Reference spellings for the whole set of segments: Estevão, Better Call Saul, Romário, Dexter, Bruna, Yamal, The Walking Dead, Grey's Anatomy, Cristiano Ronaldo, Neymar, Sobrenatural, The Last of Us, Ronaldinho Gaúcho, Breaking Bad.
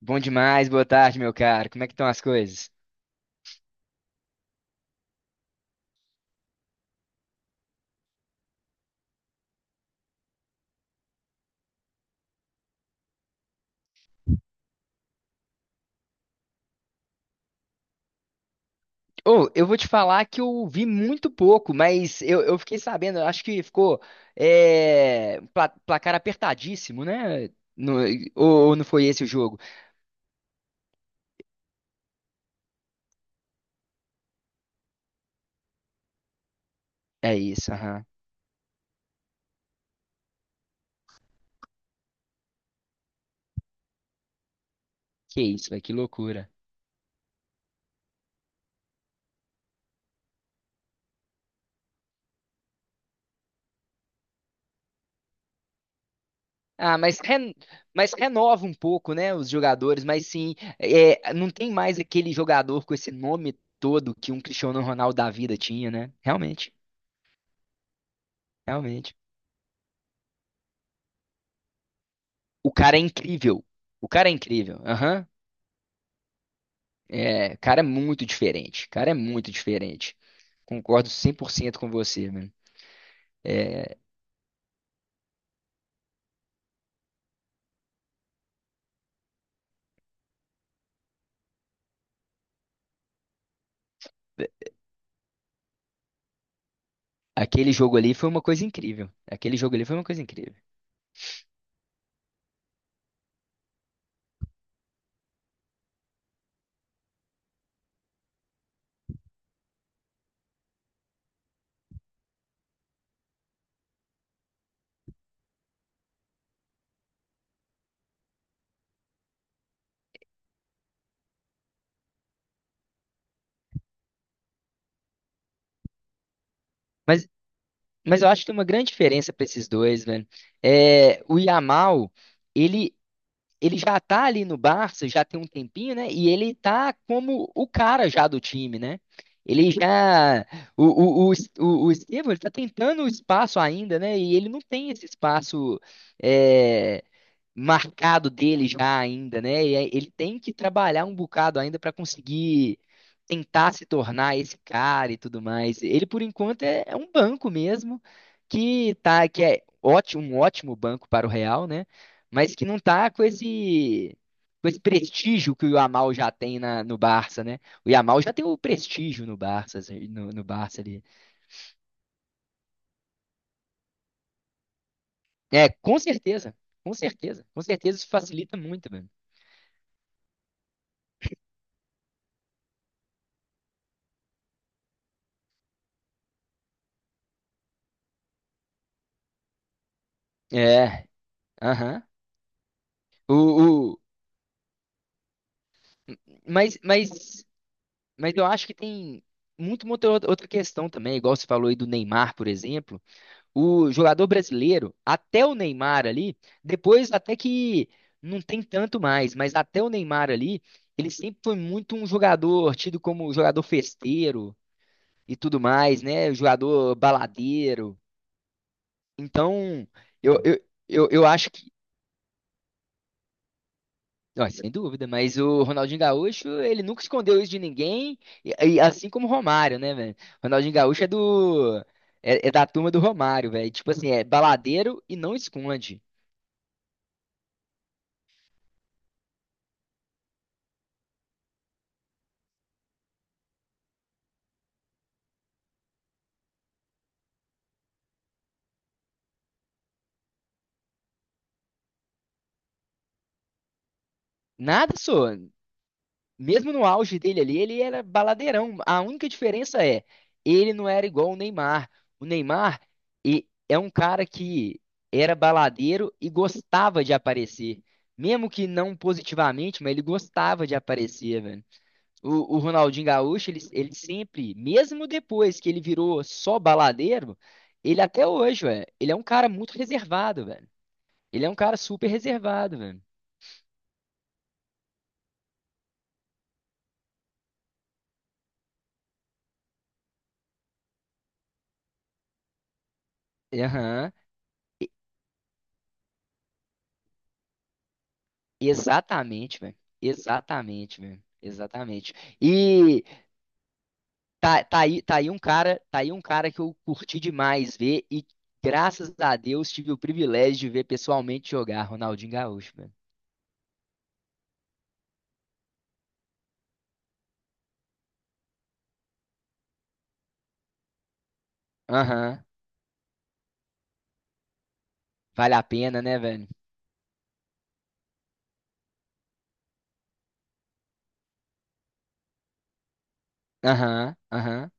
Bom demais, boa tarde, meu caro. Como é que estão as coisas? Ô, eu vou te falar que eu vi muito pouco, mas eu fiquei sabendo, acho que ficou placar apertadíssimo, né? No- ou não foi esse o jogo? É isso, aham. Que isso, velho, que loucura. Ah, mas, ren- mas renova um pouco, né, os jogadores, mas sim, é, não tem mais aquele jogador com esse nome todo que um Cristiano Ronaldo da vida tinha, né? Realmente, realmente. O cara é incrível. O cara é incrível. Aham. É, cara, é muito diferente. Cara, é muito diferente. Concordo 100% com você, mano. É, aquele jogo ali foi uma coisa incrível. Aquele jogo ali foi uma coisa incrível. Mas, mas eu acho que tem uma grande diferença para esses dois, velho. É, o Yamal, ele, ele já tá ali no Barça, já tem um tempinho, né? E ele tá como o cara já do time, né? Ele já. O, o, o, o Estevão, ele tá tentando o espaço ainda, né? E ele não tem esse espaço. É, marcado dele já ainda, né? E aí ele tem que trabalhar um bocado ainda para conseguir tentar se tornar esse cara e tudo mais. Ele, por enquanto, é um banco mesmo, que tá, que é ótimo, um ótimo banco para o Real, né? Mas que não tá com esse prestígio que o Yamal já tem na, no Barça, né? O Yamal já tem o prestígio no Barça, assim, no, no Barça ali. É, com certeza, com certeza, com certeza isso facilita muito, mano. É, aham. O, mas, mas eu acho que tem muito, muito outra questão também, igual você falou aí do Neymar, por exemplo. O jogador brasileiro, até o Neymar ali, depois até que não tem tanto mais, mas até o Neymar ali, ele sempre foi muito um jogador tido como jogador festeiro e tudo mais, né? Jogador baladeiro. Então, eu, eu, eu acho que. Ó, sem dúvida, mas o Ronaldinho Gaúcho, ele nunca escondeu isso de ninguém, e assim como o Romário, né, velho? Ronaldinho Gaúcho é do é, é da turma do Romário, velho. Tipo assim, é baladeiro e não esconde. Nada, só. Mesmo no auge dele ali, ele era baladeirão. A única diferença é, ele não era igual o Neymar. O Neymar é um cara que era baladeiro e gostava de aparecer. Mesmo que não positivamente, mas ele gostava de aparecer, velho. O Ronaldinho Gaúcho, ele sempre, mesmo depois que ele virou só baladeiro, ele até hoje, velho, ele é um cara muito reservado, velho. Ele é um cara super reservado, velho. Aham. E- Exatamente, velho. Exatamente, velho. Exatamente. E tá, tá aí um cara, tá aí um cara que eu curti demais ver e graças a Deus tive o privilégio de ver pessoalmente jogar Ronaldinho Gaúcho, velho. Aham. Vale a pena, né, velho? Aham, aham.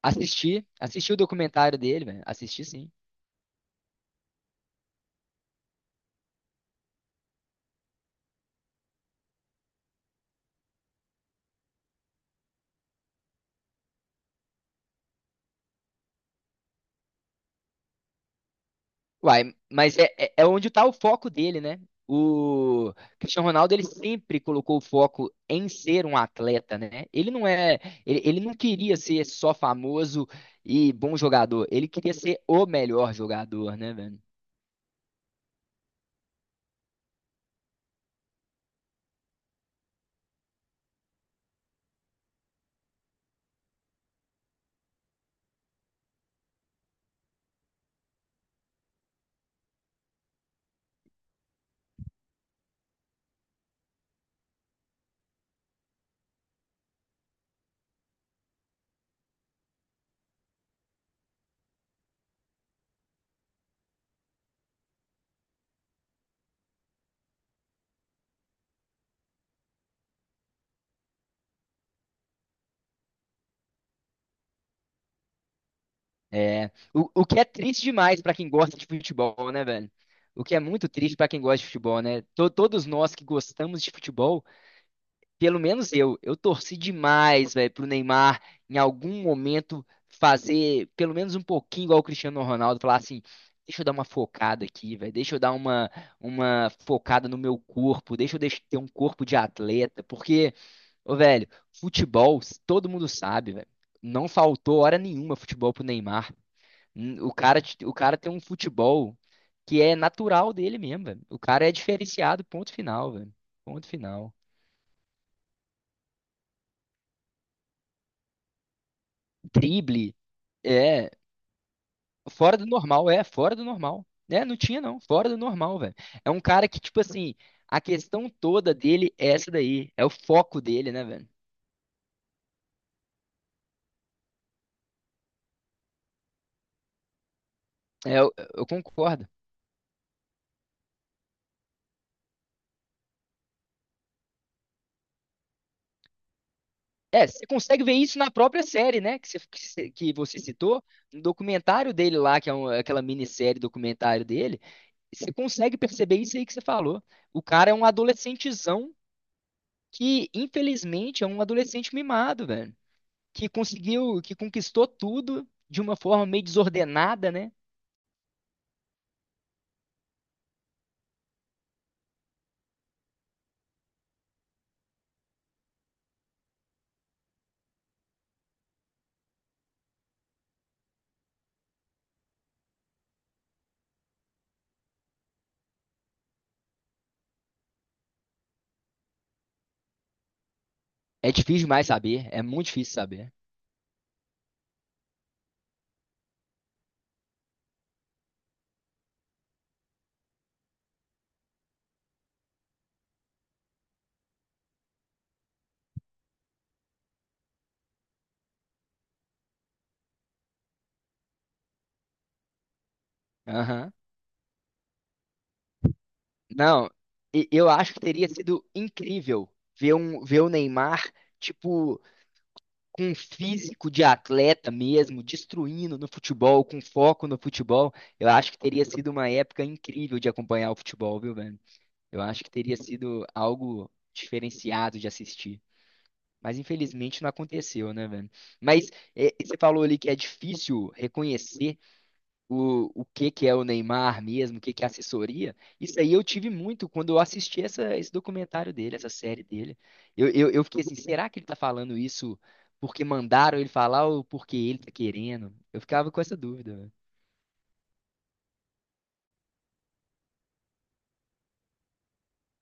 Assisti, assisti o documentário dele, velho. Assisti sim. Uai, mas é, é, é onde tá o foco dele, né? O Cristiano Ronaldo, ele sempre colocou o foco em ser um atleta, né? Ele não é, ele não queria ser só famoso e bom jogador. Ele queria ser o melhor jogador, né, velho? É, o que é triste demais pra quem gosta de futebol, né, velho? O que é muito triste pra quem gosta de futebol, né? Todos nós que gostamos de futebol. Pelo menos eu torci demais, velho, pro Neymar em algum momento fazer pelo menos um pouquinho igual o Cristiano Ronaldo, falar assim, deixa eu dar uma focada aqui, velho, deixa eu dar uma focada no meu corpo, ter um corpo de atleta, porque, ô, velho, futebol, todo mundo sabe, velho, não faltou hora nenhuma futebol pro Neymar. O cara, o cara tem um futebol que é natural dele mesmo, velho. O cara é diferenciado, ponto final, velho. Ponto final. Drible. É, fora do normal, é, fora do normal. É, não tinha não, fora do normal, velho. É um cara que, tipo assim, a questão toda dele é essa daí, é o foco dele, né, velho? É, eu concordo. É, você consegue ver isso na própria série, né, que você citou, no documentário dele lá, que é aquela minissérie documentário dele, você consegue perceber isso aí que você falou. O cara é um adolescentezão que, infelizmente, é um adolescente mimado, velho. Que conseguiu, que conquistou tudo de uma forma meio desordenada, né? É difícil demais saber, é muito difícil saber. Aham. Não, eu acho que teria sido incrível ver um, ver o Neymar, tipo, com um físico de atleta mesmo, destruindo no futebol, com foco no futebol. Eu acho que teria sido uma época incrível de acompanhar o futebol, viu, velho? Eu acho que teria sido algo diferenciado de assistir. Mas infelizmente não aconteceu, né, velho? Mas é, você falou ali que é difícil reconhecer o que que é o Neymar mesmo, o que que é assessoria. Isso aí eu tive muito quando eu assisti essa, esse documentário dele, essa série dele. Eu fiquei assim, será que ele tá falando isso porque mandaram ele falar ou porque ele tá querendo? Eu ficava com essa dúvida, velho.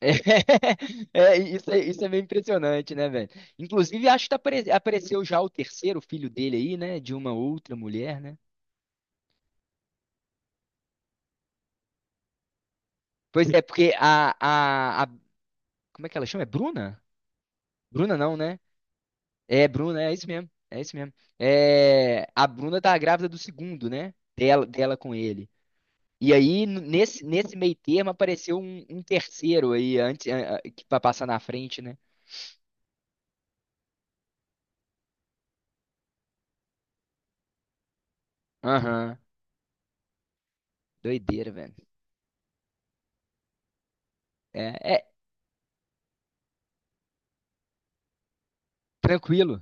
É, isso, é, isso é meio impressionante, né, velho? Inclusive, acho que tá apareceu já o terceiro filho dele aí, né? De uma outra mulher, né? Pois é, porque como é que ela chama? É Bruna? Bruna não, né? É, Bruna, é isso mesmo. É isso mesmo. É, a Bruna tá grávida do segundo, né? Dela, dela com ele. E aí, nesse, nesse meio termo, apareceu um, um terceiro aí, antes, que pra passar na frente, né? Aham. Doideira, velho. É, é, tranquilo.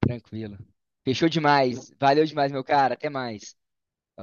Tranquilo. Fechou demais. Valeu demais, meu cara. Até mais. Falou.